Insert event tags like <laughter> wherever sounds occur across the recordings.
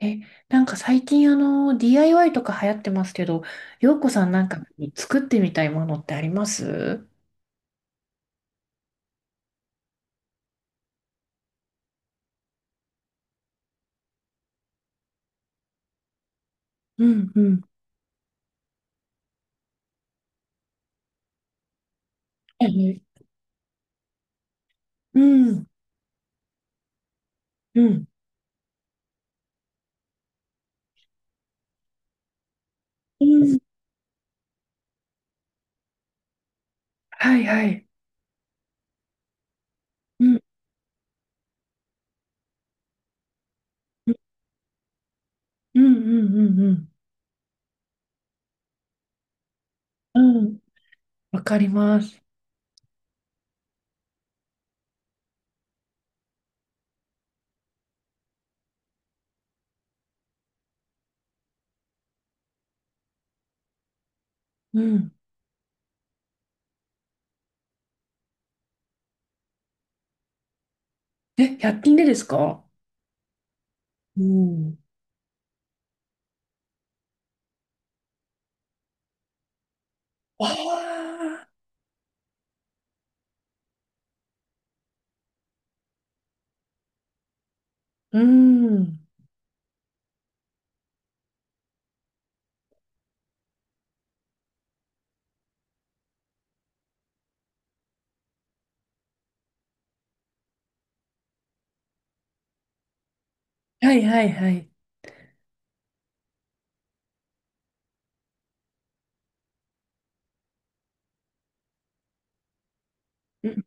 え、なんか最近DIY とか流行ってますけど、洋子さんなんか作ってみたいものってあります？うんうん。えうん、うん、うん。はいはい。うん、うん、うん、うん、うん。うん、わかります。うん。え、100均でですか？うん。わあ、うん。はいはいはい。うん。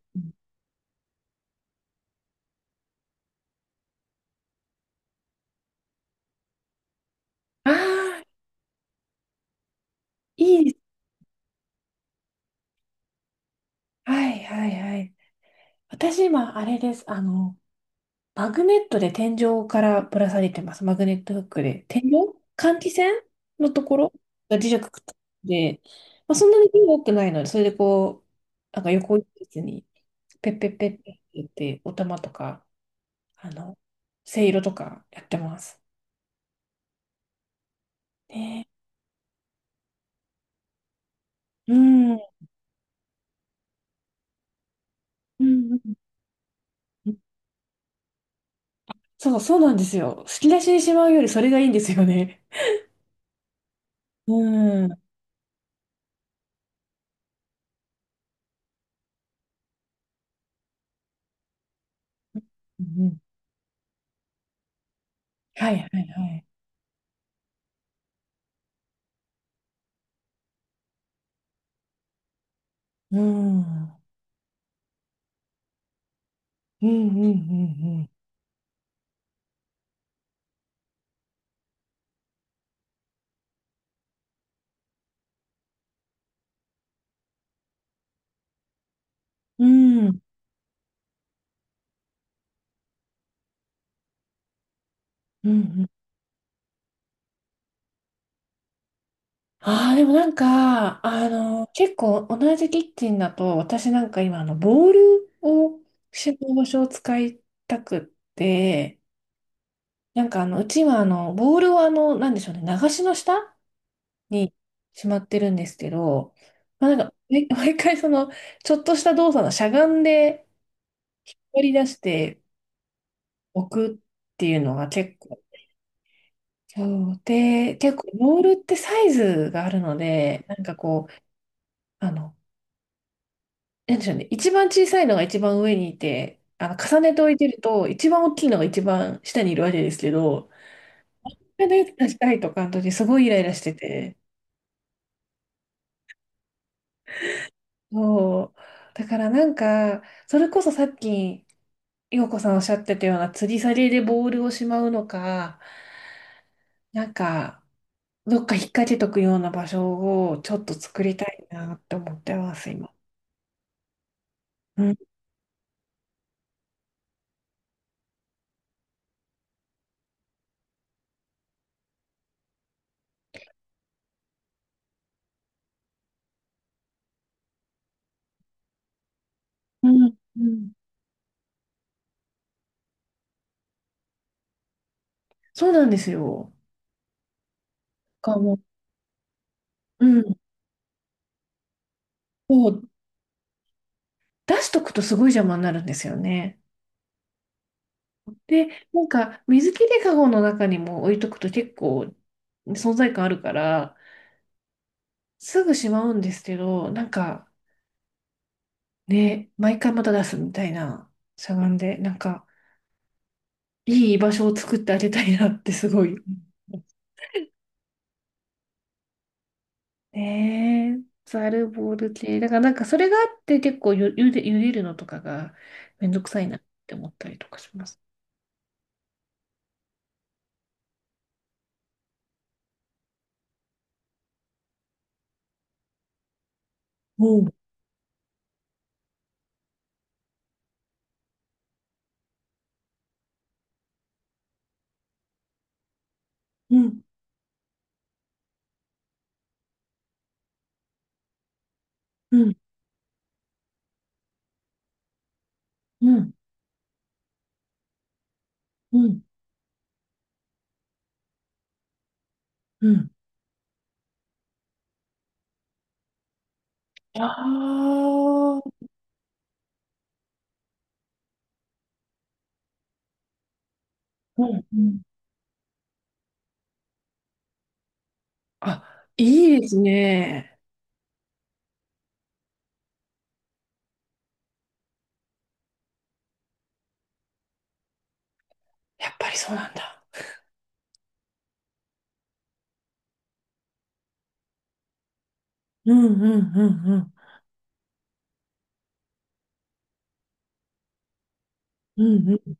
ああ、いいです。はいはいはい。私今、あれです。マグネットで天井からぶら下げてます。マグネットフックで。天井換気扇のところが磁石くっついてて、まあ、そんなに多くないので、それでこう、なんか横一列に、ペッペッペッペッって言って、お玉とか、あの、せいろとかやってます。ねえ、うん。うんうんうん。そう、そうなんですよ。引き出しにしまうよりそれがいいんですよね。うん。うんうん。はいはいはい。うん。うんうんうんうん。うん。うんうん。ああ、でもなんか、結構同じキッチンだと、私なんか今、ボールを、集合場所を使いたくって、なんかうちはボールをなんでしょうね、流しの下にしまってるんですけど、まあ、なんか、ね <laughs> 毎回その、ちょっとした動作のしゃがんで、引っ張り出しておくっていうのが結構、そうで、結構、ボールってサイズがあるので、なんかこう、あの、なんでしょうね。一番小さいのが一番上にいて、重ねて置いてると、一番大きいのが一番下にいるわけですけど、そのやつ出したいとかの時、すごいイライラしてて。そう。だからなんか、それこそさっき、陽子さんおっしゃってたような、吊り下げでボールをしまうのか、なんか、どっか引っ掛けとくような場所をちょっと作りたいなって思ってます、今。うん。うん。うん。そうなんですよ。かもう。うん。そう。出しとくとすごい邪魔になるんですよね。で、なんか水切りかごの中にも置いとくと結構存在感あるから、すぐしまうんですけど、なんかね、毎回また出すみたいな、しゃがんで、なんかいい居場所を作ってあげたいなってすごい。ねえ、ザルボール系。だからなんかそれがあって結構ゆ、ゆで、茹でるのとかがめんどくさいなって思ったりとかします。おう、うん、うん、うん、うん、うん。ああ、うんうん。あ、いいですね。やっぱりそうなんだ。うんうんうんうん。うんうん。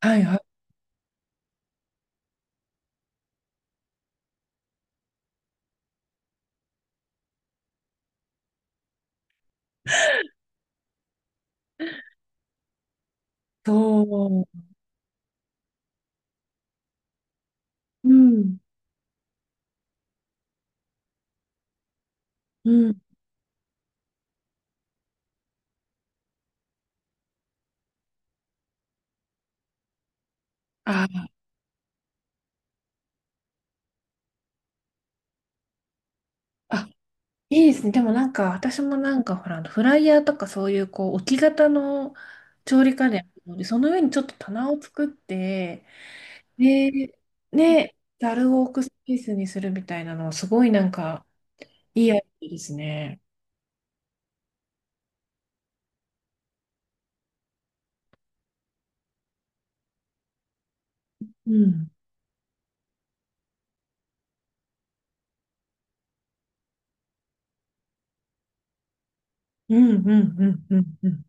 はいはい。そう。うんうん。あー、あ、いいですね。でもなんか、私もなんか、ほら、あのフライヤーとかそういう、こう、置き型の調理家電あるので、その上にちょっと棚を作って、で、ね、ざるを置くスペースにするみたいなのは、すごいなんか、いいアイデアですね。うん。うんうんうんうんうん。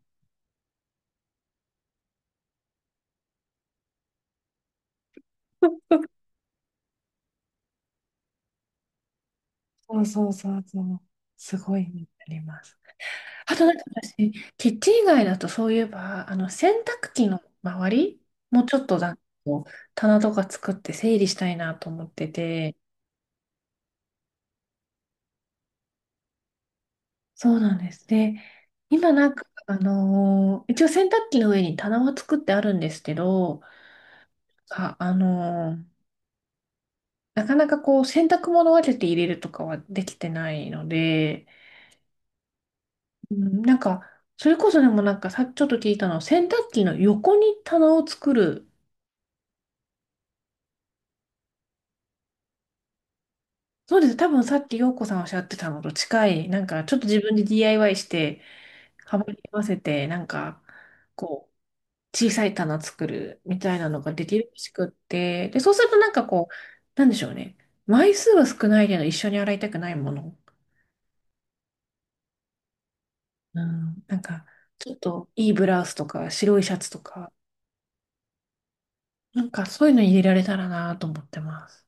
そうそうそうそう。すごいになります。あとなんか私、キッチン以外だとそういえば、あの洗濯機の周りもうちょっとだこう棚とか作って整理したいなと思ってて、そうなんです。で、今なんか、一応洗濯機の上に棚は作ってあるんですけど、あ、あのーなかなかこう洗濯物を分けて入れるとかはできてないので、うん、なんか、それこそでもなんかさ、ちょっと聞いたのは、洗濯機の横に棚を作る。そうです。多分さっき陽子さんおっしゃってたのと近い、なんかちょっと自分で DIY して、幅に合わせて、なんか、こう、小さい棚作るみたいなのができるらしくって、で、そうするとなんかこう、なんでしょうね。枚数は少ないけど、一緒に洗いたくないもの。うん、なんか、ちょっといいブラウスとか、白いシャツとか、なんかそういうの入れられたらなと思ってます。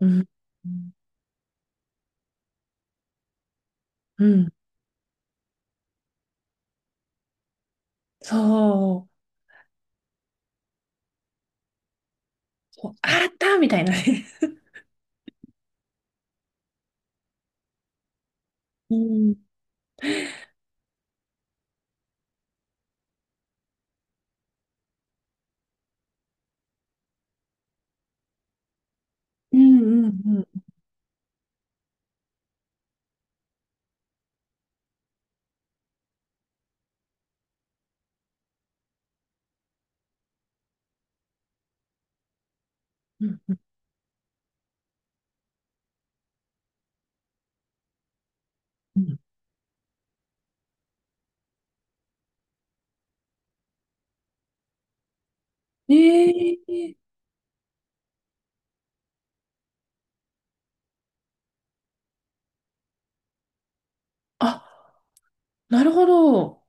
うん。うん。そう。こうあーあったみたいなね。<laughs> うん。うんうんうんうんうんうん。ええあ、なるほど。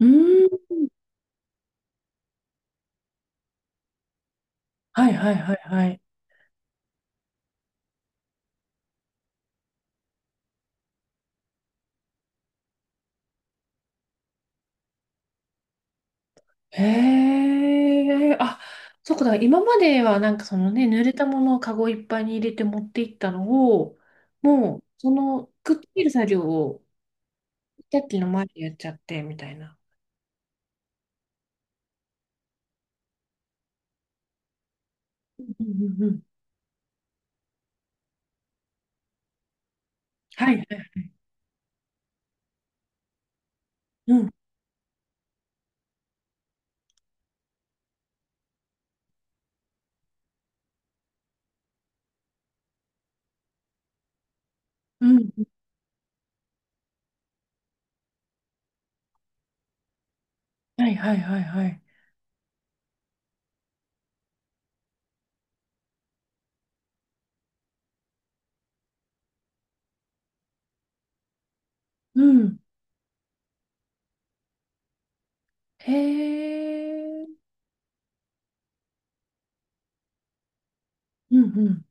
うん。はいはいはいはい。へえ。あ、そうか。だから今まではなんかそのね、濡れたものをカゴいっぱいに入れて持っていったのを、もうそのくっつける作業をさっきの前でやっちゃってみたいな。うんうんうん。はいはい。うんうん。はいはいはいはい。うん。へえ。うんうん。